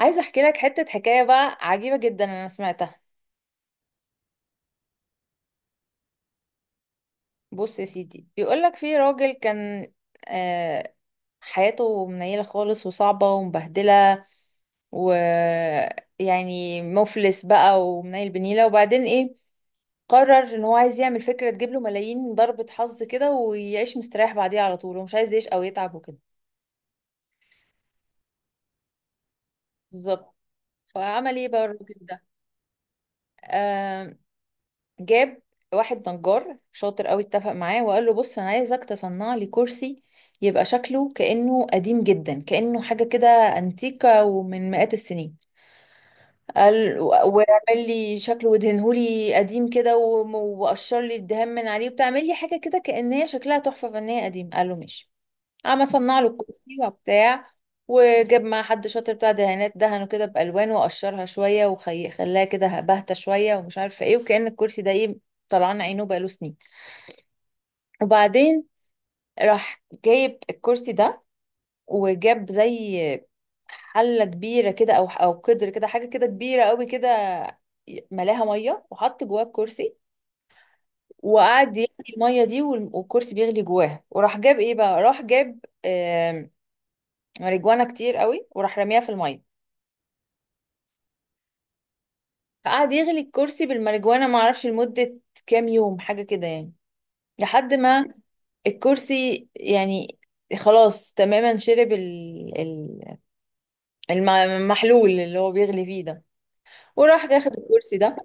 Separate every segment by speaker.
Speaker 1: عايزة احكي لك حتة حكاية بقى عجيبة جدا انا سمعتها. بص يا سيدي، بيقول لك في راجل كان، آه، حياته منيلة خالص وصعبة ومبهدلة، ويعني مفلس بقى ومنيل بنيلة. وبعدين ايه؟ قرر ان هو عايز يعمل فكرة تجيب له ملايين، ضربة حظ كده، ويعيش مستريح بعديها على طول ومش عايز يعيش او يتعب وكده. بالظبط. فعمل ايه بقى الراجل ده؟ آه، جاب واحد نجار شاطر قوي، اتفق معاه وقال له بص انا عايزك تصنع لي كرسي يبقى شكله كأنه قديم جدا، كأنه حاجة كده انتيكة ومن مئات السنين. قال واعمل لي شكله وادهنه لي قديم كده وقشر لي الدهان من عليه وبتعمل لي حاجة كده كأن هي شكلها تحفة فنية قديم. قال له ماشي. قام اصنع له الكرسي وبتاع، وجاب مع حد شاطر بتاع دهانات دهنه كده بالوان وقشرها شويه وخلاها كده باهته شويه ومش عارفه ايه، وكأن الكرسي ده ايه، طلعان عينه بقاله سنين. وبعدين راح جايب الكرسي ده وجاب زي حله كبيره كده او قدر كده، حاجه كده كبيره قوي كده، ملاها ميه وحط جواه الكرسي وقعد يغلي الميه دي، والكرسي بيغلي جواها. وراح جاب ايه بقى، راح جاب آم، ماريجوانا كتير قوي وراح رميها في الميه. فقعد يغلي الكرسي بالماريجوانا معرفش لمدة كام يوم حاجة كده يعني، لحد ما الكرسي يعني خلاص تماما شرب المحلول اللي هو بيغلي فيه ده. وراح ياخد الكرسي ده.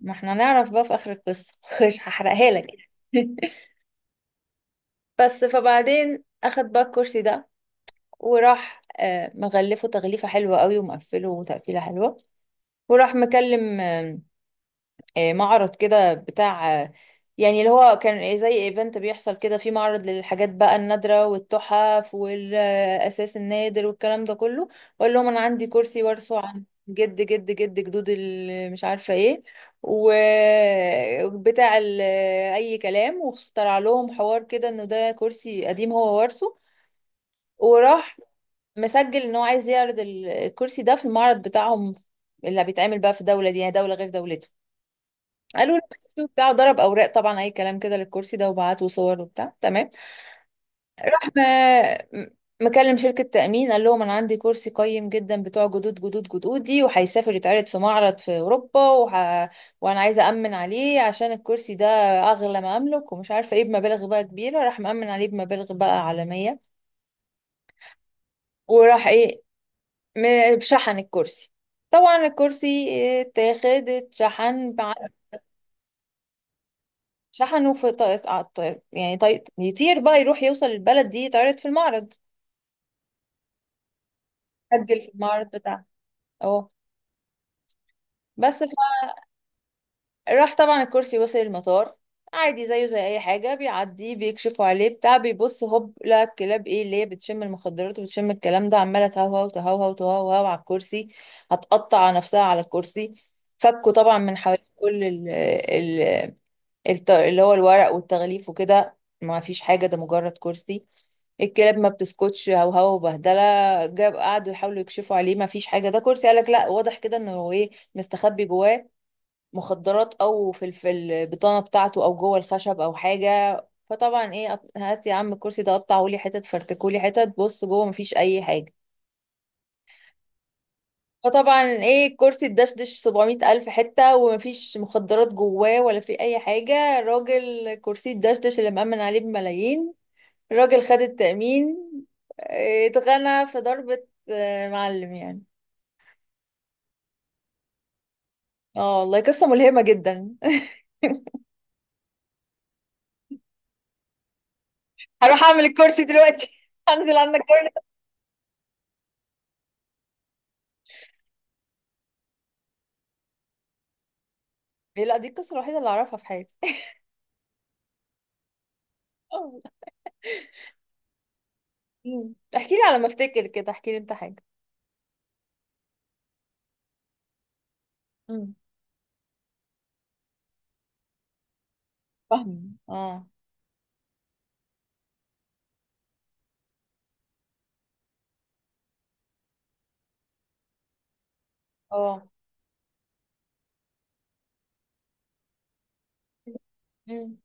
Speaker 1: ما احنا نعرف بقى في آخر القصة مش هحرقها لك. بس فبعدين اخد بقى الكرسي ده وراح مغلفه تغليفة حلوة قوي ومقفله تقفيلة حلوة، وراح مكلم معرض كده بتاع، يعني اللي هو كان زي ايفنت بيحصل كده، في معرض للحاجات بقى النادرة والتحف والأساس النادر والكلام ده كله، وأقول لهم أنا عندي كرسي وارثه عن جد جد جد جدود مش عارفة ايه وبتاع ال- أي كلام، واخترع لهم حوار كده إنه ده كرسي قديم هو وارثه. وراح مسجل إن هو عايز يعرض الكرسي ده في المعرض بتاعهم اللي بيتعمل بقى في دولة دي، يعني دولة غير دولته. قالوا له ماشي وبتاع، وضرب اوراق طبعا اي كلام كده للكرسي ده وبعت وصور وبتاع تمام. راح م- مكلم شركة تأمين، قال لهم أنا عندي كرسي قيم جدا بتوع جدود جدود جدودي، وهيسافر يتعرض في معرض في أوروبا وأنا عايزة أمن عليه، عشان الكرسي ده أغلى ما أملك ومش عارفة إيه، بمبالغ بقى كبيرة. راح مأمن عليه بمبالغ بقى عالمية. وراح إيه، شحن الكرسي. طبعا الكرسي اتاخد اتشحن، شحنه في طائق طائق يعني، طيق يطير بقى يروح يوصل البلد دي يتعرض في المعرض، أجل في المعرض بتاعها. اه بس. فراح طبعا الكرسي وصل المطار عادي زيه زي اي حاجه، بيعدي بيكشفوا عليه بتاع بيبص هوب، لا الكلاب ايه اللي هي بتشم المخدرات وبتشم الكلام ده عماله تهوهو على الكرسي، هتقطع نفسها على الكرسي. فكوا طبعا من حوالي كل اللي هو الورق والتغليف وكده. ما فيش حاجة، ده مجرد كرسي. الكلاب ما بتسكتش، هوهو وبهدلة. جاب قعدوا يحاولوا يكشفوا عليه، ما فيش حاجة، ده كرسي. قالك لا، واضح كده انه هو ايه مستخبي جواه مخدرات، او في في البطانة بتاعته، او جوه الخشب او حاجة. فطبعا ايه، هات يا عم الكرسي ده قطعهولي حتت، فرتكولي حتت، بص جوه مفيش اي حاجة. فطبعا ايه، الكرسي اتدشدش 700 ألف حتة، ومفيش مخدرات جواه ولا في أي حاجة. الراجل كرسي اتدشدش اللي مأمن عليه بملايين، الراجل خد التأمين، اتغنى في ضربة، معلم يعني. اه والله قصة ملهمة جدا. هروح أعمل الكرسي دلوقتي. هنزل عندك كرسي. لا دي القصة الوحيدة اللي أعرفها في حياتي. احكي لي، على ما افتكر كده احكي لي انت حاجة. مم. فاهمة. اه. اه. مم.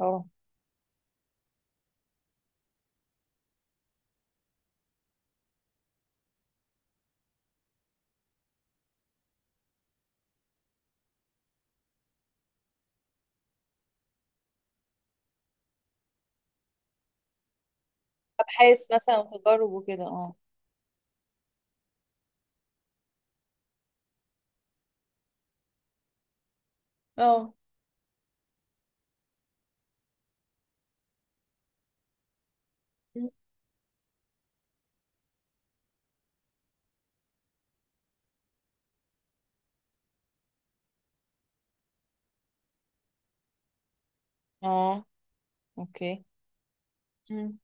Speaker 1: اه. أبحاث مثلا وتجارب وكده، اه. اه. مم. اه. اوكي. مم.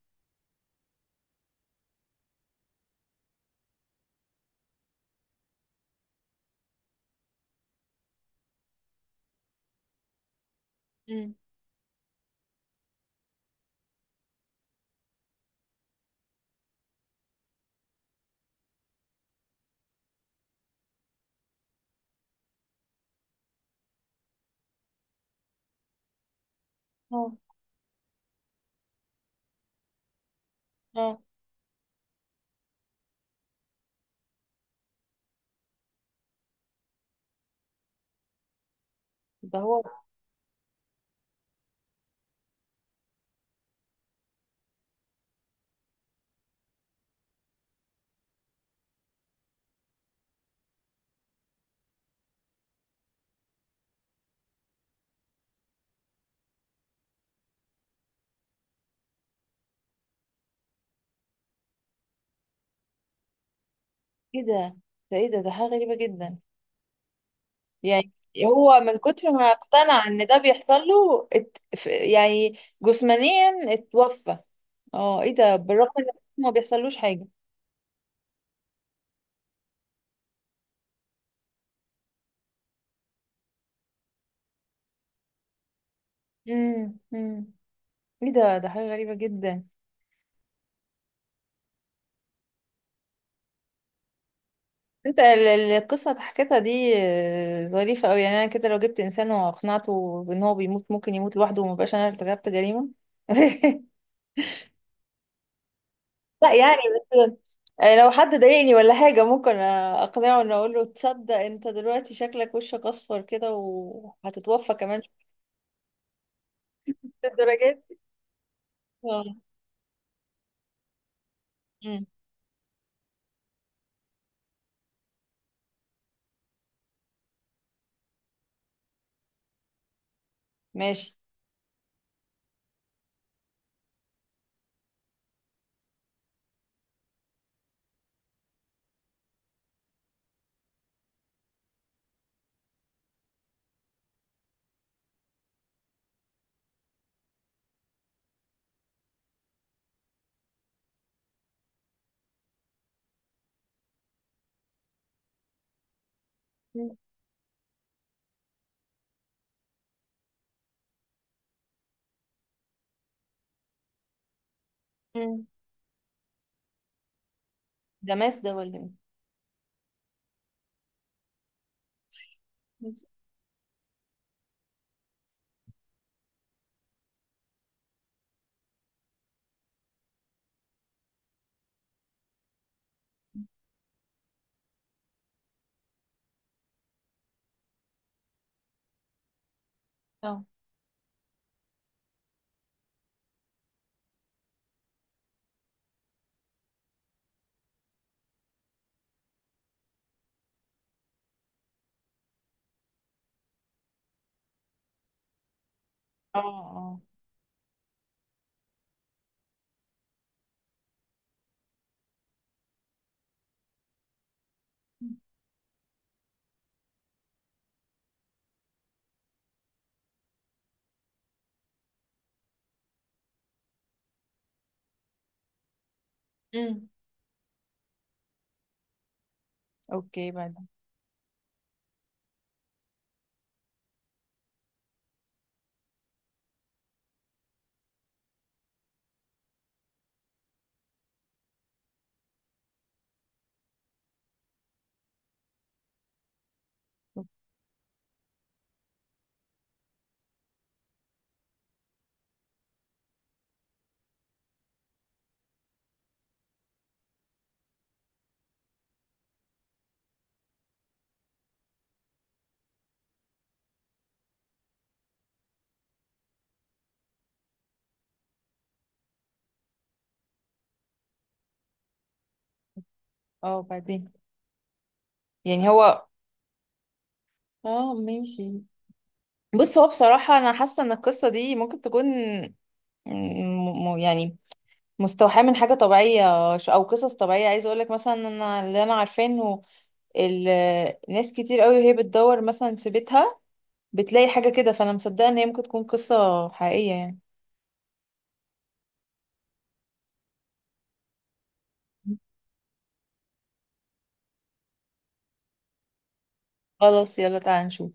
Speaker 1: مم. اه. اه. ده هو. كده ده، ده ايه ده، ده حاجة غريبة جدا يعني. هو من كتر ما اقتنع ان ده بيحصل له يعني جسمانيا اتوفى. اه ايه ده، بالرغم ان ما بيحصلوش حاجة. مم. مم. ايه ده، ده حاجة غريبة جدا. انت القصة اللي حكيتها دي ظريفة قوي يعني. انا كده لو جبت انسان واقنعته بان هو بيموت، ممكن يموت لوحده ومبقاش انا ارتكبت جريمة. لا يعني بس، لو حد ضايقني ولا حاجة ممكن اقنعه ان اقول له تصدق انت دلوقتي شكلك وشك اصفر كده وهتتوفى كمان. شوية الدرجات. اه. مم. ماشي. مم. مم. ده ماس ده ولا ايه؟ ماشي. اه. اه. اه. مم. اوكي بعدين. اه بعدين. يعني هو. اه ماشي. بص هو بصراحة أنا حاسة إن القصة دي ممكن تكون يعني مستوحاة من حاجة طبيعية، أو قصص طبيعية. عايزة أقولك مثلا إن أنا اللي أنا عارفاه إنه ناس كتير قوي وهي بتدور مثلا في بيتها بتلاقي حاجة كده، فأنا مصدقة إن هي ممكن تكون قصة حقيقية يعني. خلاص يلا تعالى نشوف.